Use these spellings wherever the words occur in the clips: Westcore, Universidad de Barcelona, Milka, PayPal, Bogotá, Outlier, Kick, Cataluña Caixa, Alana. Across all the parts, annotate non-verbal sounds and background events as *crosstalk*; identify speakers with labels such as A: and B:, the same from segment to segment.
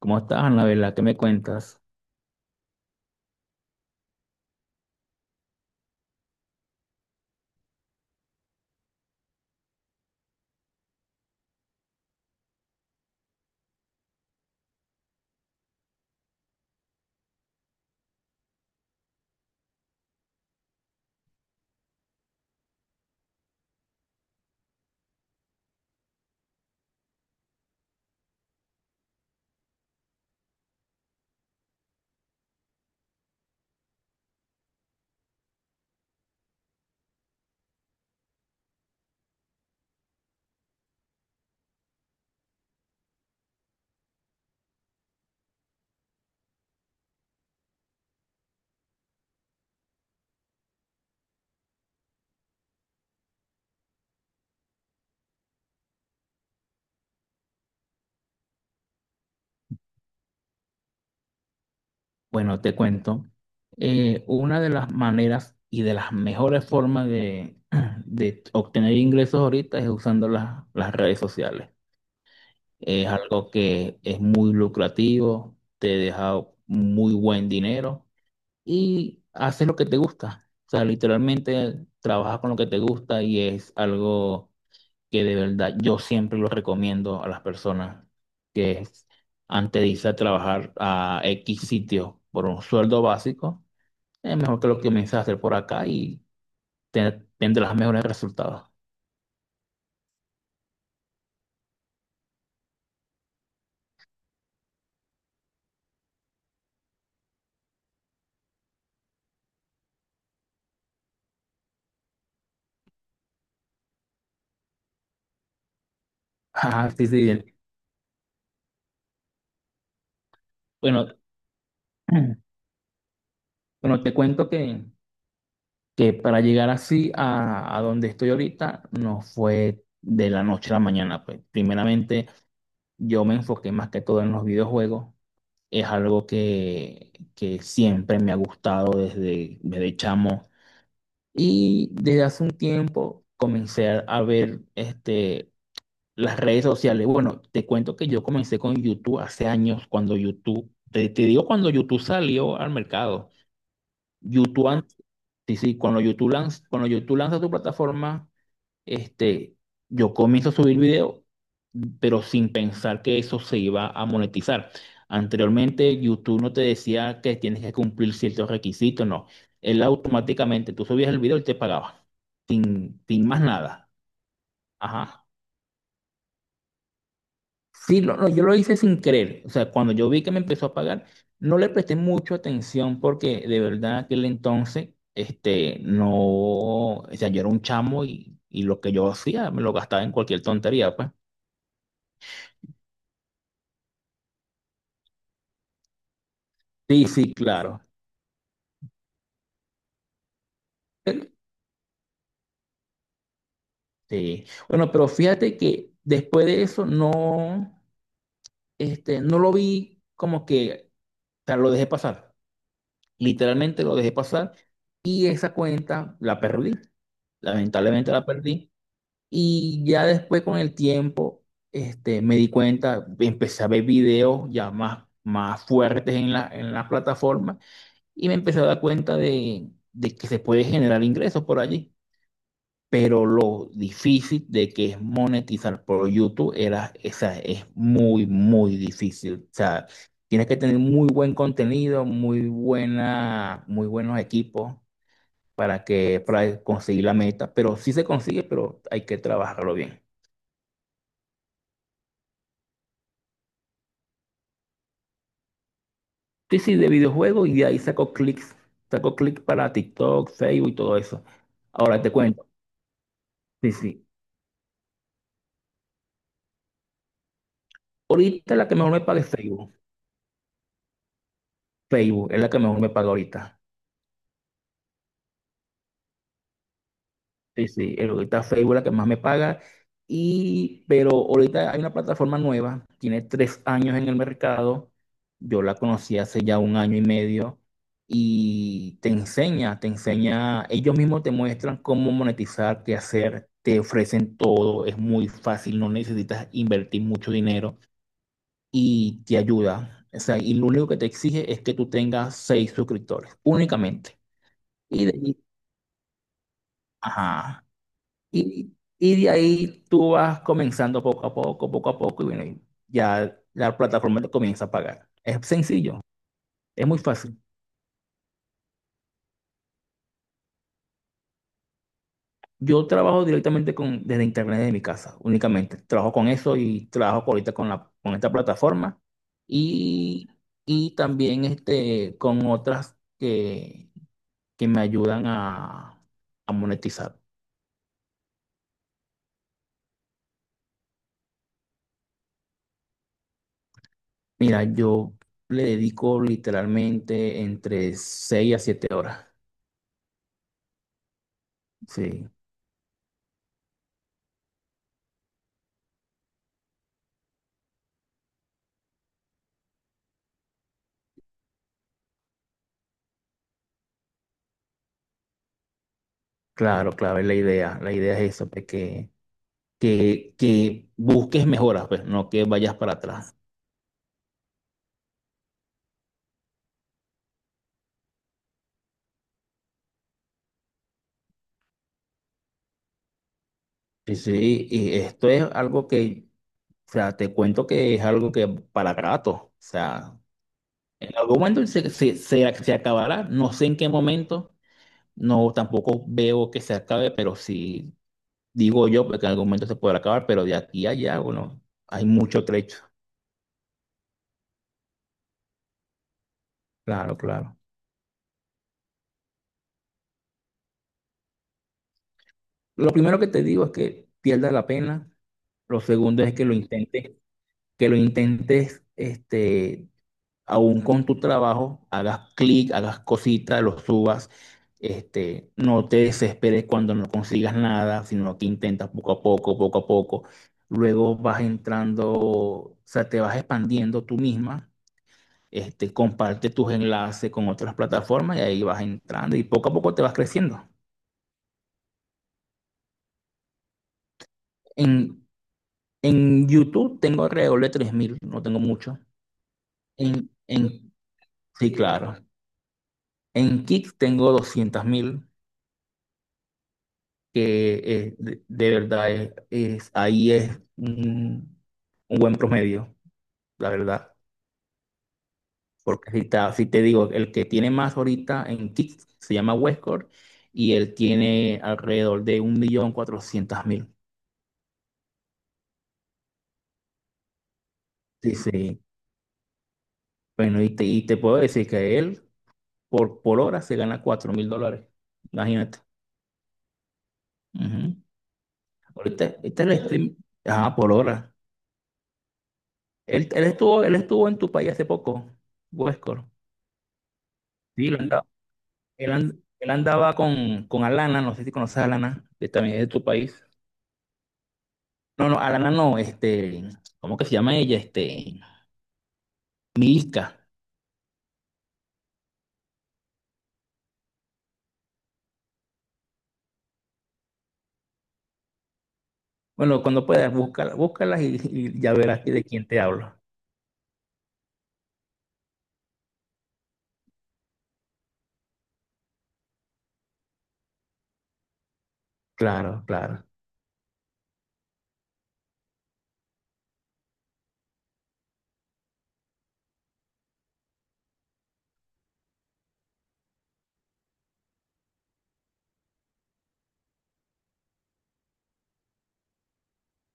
A: ¿Cómo estás, Anabela? ¿Qué me cuentas? Bueno, te cuento. Una de las maneras y de las mejores formas *clears throat* de obtener ingresos ahorita es usando las redes sociales. Es algo que es muy lucrativo, te deja muy buen dinero y haces lo que te gusta. O sea, literalmente trabajas con lo que te gusta y es algo que de verdad yo siempre lo recomiendo a las personas, que es, antes de irse a trabajar a X sitio por un sueldo básico, es mejor que lo que comiences a hacer por acá y te- tendrás mejores resultados. *laughs* Ah, sí, sí. Bien. Bueno, *clears throat* bueno, te cuento que, para llegar así a donde estoy ahorita, no fue de la noche a la mañana, pues. Primeramente, yo me enfoqué más que todo en los videojuegos. Es algo que siempre me ha gustado desde, chamo. Y desde hace un tiempo comencé a ver las redes sociales. Bueno, te cuento que yo comencé con YouTube hace años, cuando YouTube, te digo, cuando YouTube salió al mercado. YouTube, an- sí, sí, cuando YouTube lanza tu plataforma, este, yo comienzo a subir video, pero sin pensar que eso se iba a monetizar. Anteriormente, YouTube no te decía que tienes que cumplir ciertos requisitos, no. Él automáticamente, tú subías el video y te pagaba, sin más nada. Ajá. Sí, no, yo lo hice sin querer. O sea, cuando yo vi que me empezó a pagar, no le presté mucha atención, porque de verdad aquel entonces, no, o sea, yo era un chamo, y lo que yo hacía me lo gastaba en cualquier tontería, pues. Sí, sí, claro. Eh, Sí. Bueno, pero fíjate que después de eso no, no lo vi como que, o sea, lo dejé pasar. Literalmente lo dejé pasar y esa cuenta la perdí. Lamentablemente la perdí. Y ya después, con el tiempo, me di cuenta, empecé a ver videos ya más fuertes en la, plataforma, y me empecé a dar cuenta de que se puede generar ingresos por allí. Pero lo difícil de que es monetizar por YouTube, era, esa es muy, muy difícil. O sea, tienes que tener muy buen contenido, muy buena, muy buenos equipos para que, para conseguir la meta, pero sí se consigue, pero hay que trabajarlo bien. Sí, sí, de videojuegos, y de ahí saco clics para TikTok, Facebook y todo eso. Ahora te cuento, sí, sí. Ahorita la que mejor me paga es Facebook. Facebook es la que mejor me paga ahorita. Sí, sí, ahorita Facebook es la que más me paga. Pero ahorita hay una plataforma nueva, tiene 3 años en el mercado. Yo la conocí hace ya un año y medio, y te enseña, ellos mismos te muestran cómo monetizar, qué hacer, te ofrecen todo, es muy fácil, no necesitas invertir mucho dinero y te ayuda. O sea, y lo único que te exige es que tú tengas seis suscriptores, únicamente. Y de ahí, ajá. Y, y de ahí tú vas comenzando poco a poco, y bueno, y ya la plataforma te comienza a pagar. Es sencillo, es muy fácil. Yo trabajo directamente con, desde internet de mi casa, únicamente. Trabajo con eso y trabajo ahorita con la, con esta plataforma, y, y también, con otras que me ayudan a monetizar. Mira, yo le dedico literalmente entre 6 a 7 horas. Sí. Claro, claro, es la idea. La idea es eso, pues, que busques mejoras, pues, no que vayas para atrás. Sí, sí, y esto es algo que, o sea, te cuento que es algo que para rato, o sea, en algún momento se acabará, no sé en qué momento, no, tampoco veo que se acabe, pero sí digo yo, pues, que en algún momento se podrá acabar, pero de aquí a allá, bueno, hay mucho trecho. Claro, claro. Lo primero que te digo es que pierdas la pena, lo segundo es que lo intentes. Que lo intentes, aún con tu trabajo, hagas clic, hagas cositas, lo subas, no te desesperes cuando no consigas nada, sino que intentas poco a poco, poco a poco. Luego vas entrando, o sea, te vas expandiendo tú misma. Comparte tus enlaces con otras plataformas, y ahí vas entrando y poco a poco te vas creciendo. En, en YouTube tengo alrededor de 3.000, no tengo mucho. En, en, sí, claro. En Kick tengo 200.000, que de verdad es, ahí es un buen promedio, la verdad. Porque si te digo, el que tiene más ahorita en Kick se llama Westcore, y él tiene alrededor de 1.400.000. Sí, sí. Bueno, y te puedo decir que él por hora se gana 4.000 dólares. Imagínate. Ujú. Ahorita el stream, ajá, por hora. Él estuvo en tu país hace poco, Westcore. Sí, él andaba con Alana, no sé si conoces a Alana, que también es de tu país. No, no, Alana no, ¿cómo que se llama ella? Milka. Bueno, cuando puedas, búscala, búscalas, y ya verás de quién te hablo. Claro, claro.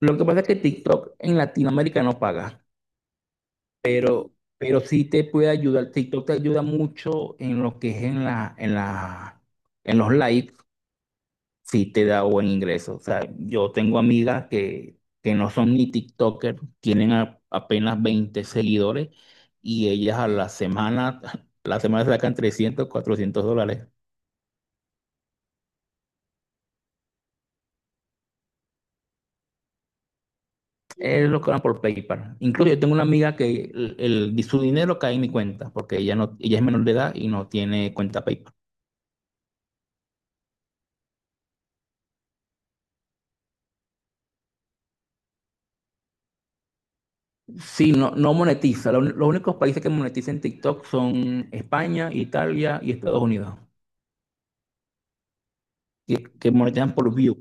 A: Lo que pasa es que TikTok en Latinoamérica no paga, pero, pero sí te puede ayudar. TikTok te ayuda mucho en lo que es en la, en los likes. Sí te da buen ingreso. O sea, yo tengo amigas que no son ni TikToker, tienen apenas 20 seguidores, y ellas a la semana, *laughs* la semana sacan 300, 400 dólares. Es lo que van por PayPal. Incluso yo tengo una amiga que su dinero cae en mi cuenta, porque ella, no, ella es menor de edad y no tiene cuenta PayPal. Sí, no, no monetiza. Los únicos países que monetizan TikTok son España, Italia y Estados Unidos, que monetizan por view.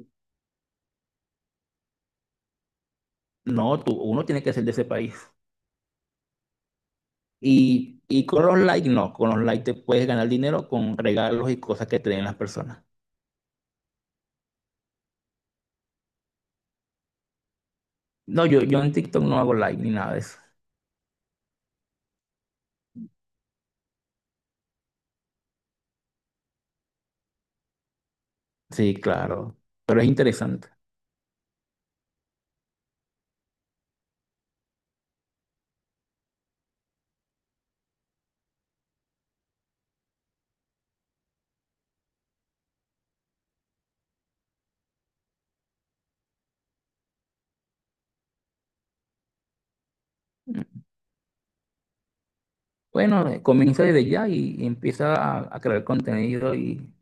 A: No, tú, uno tiene que ser de ese país. Y con los likes, no, con los likes te puedes ganar dinero con regalos y cosas que te den las personas. No, yo en TikTok no hago like ni nada de eso. Sí, claro, pero es interesante. Mm. Bueno, comienza desde ya, y empieza a crear contenido y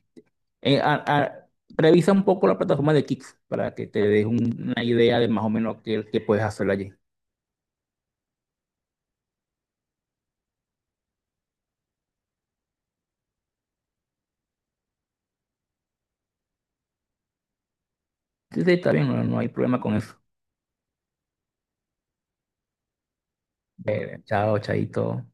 A: eh, a- a- revisa un poco la plataforma de Kicks para que te des una idea de más o menos qué, puedes hacer allí. Sí, sí, está bien, no, no hay problema con eso. Chao, chaito.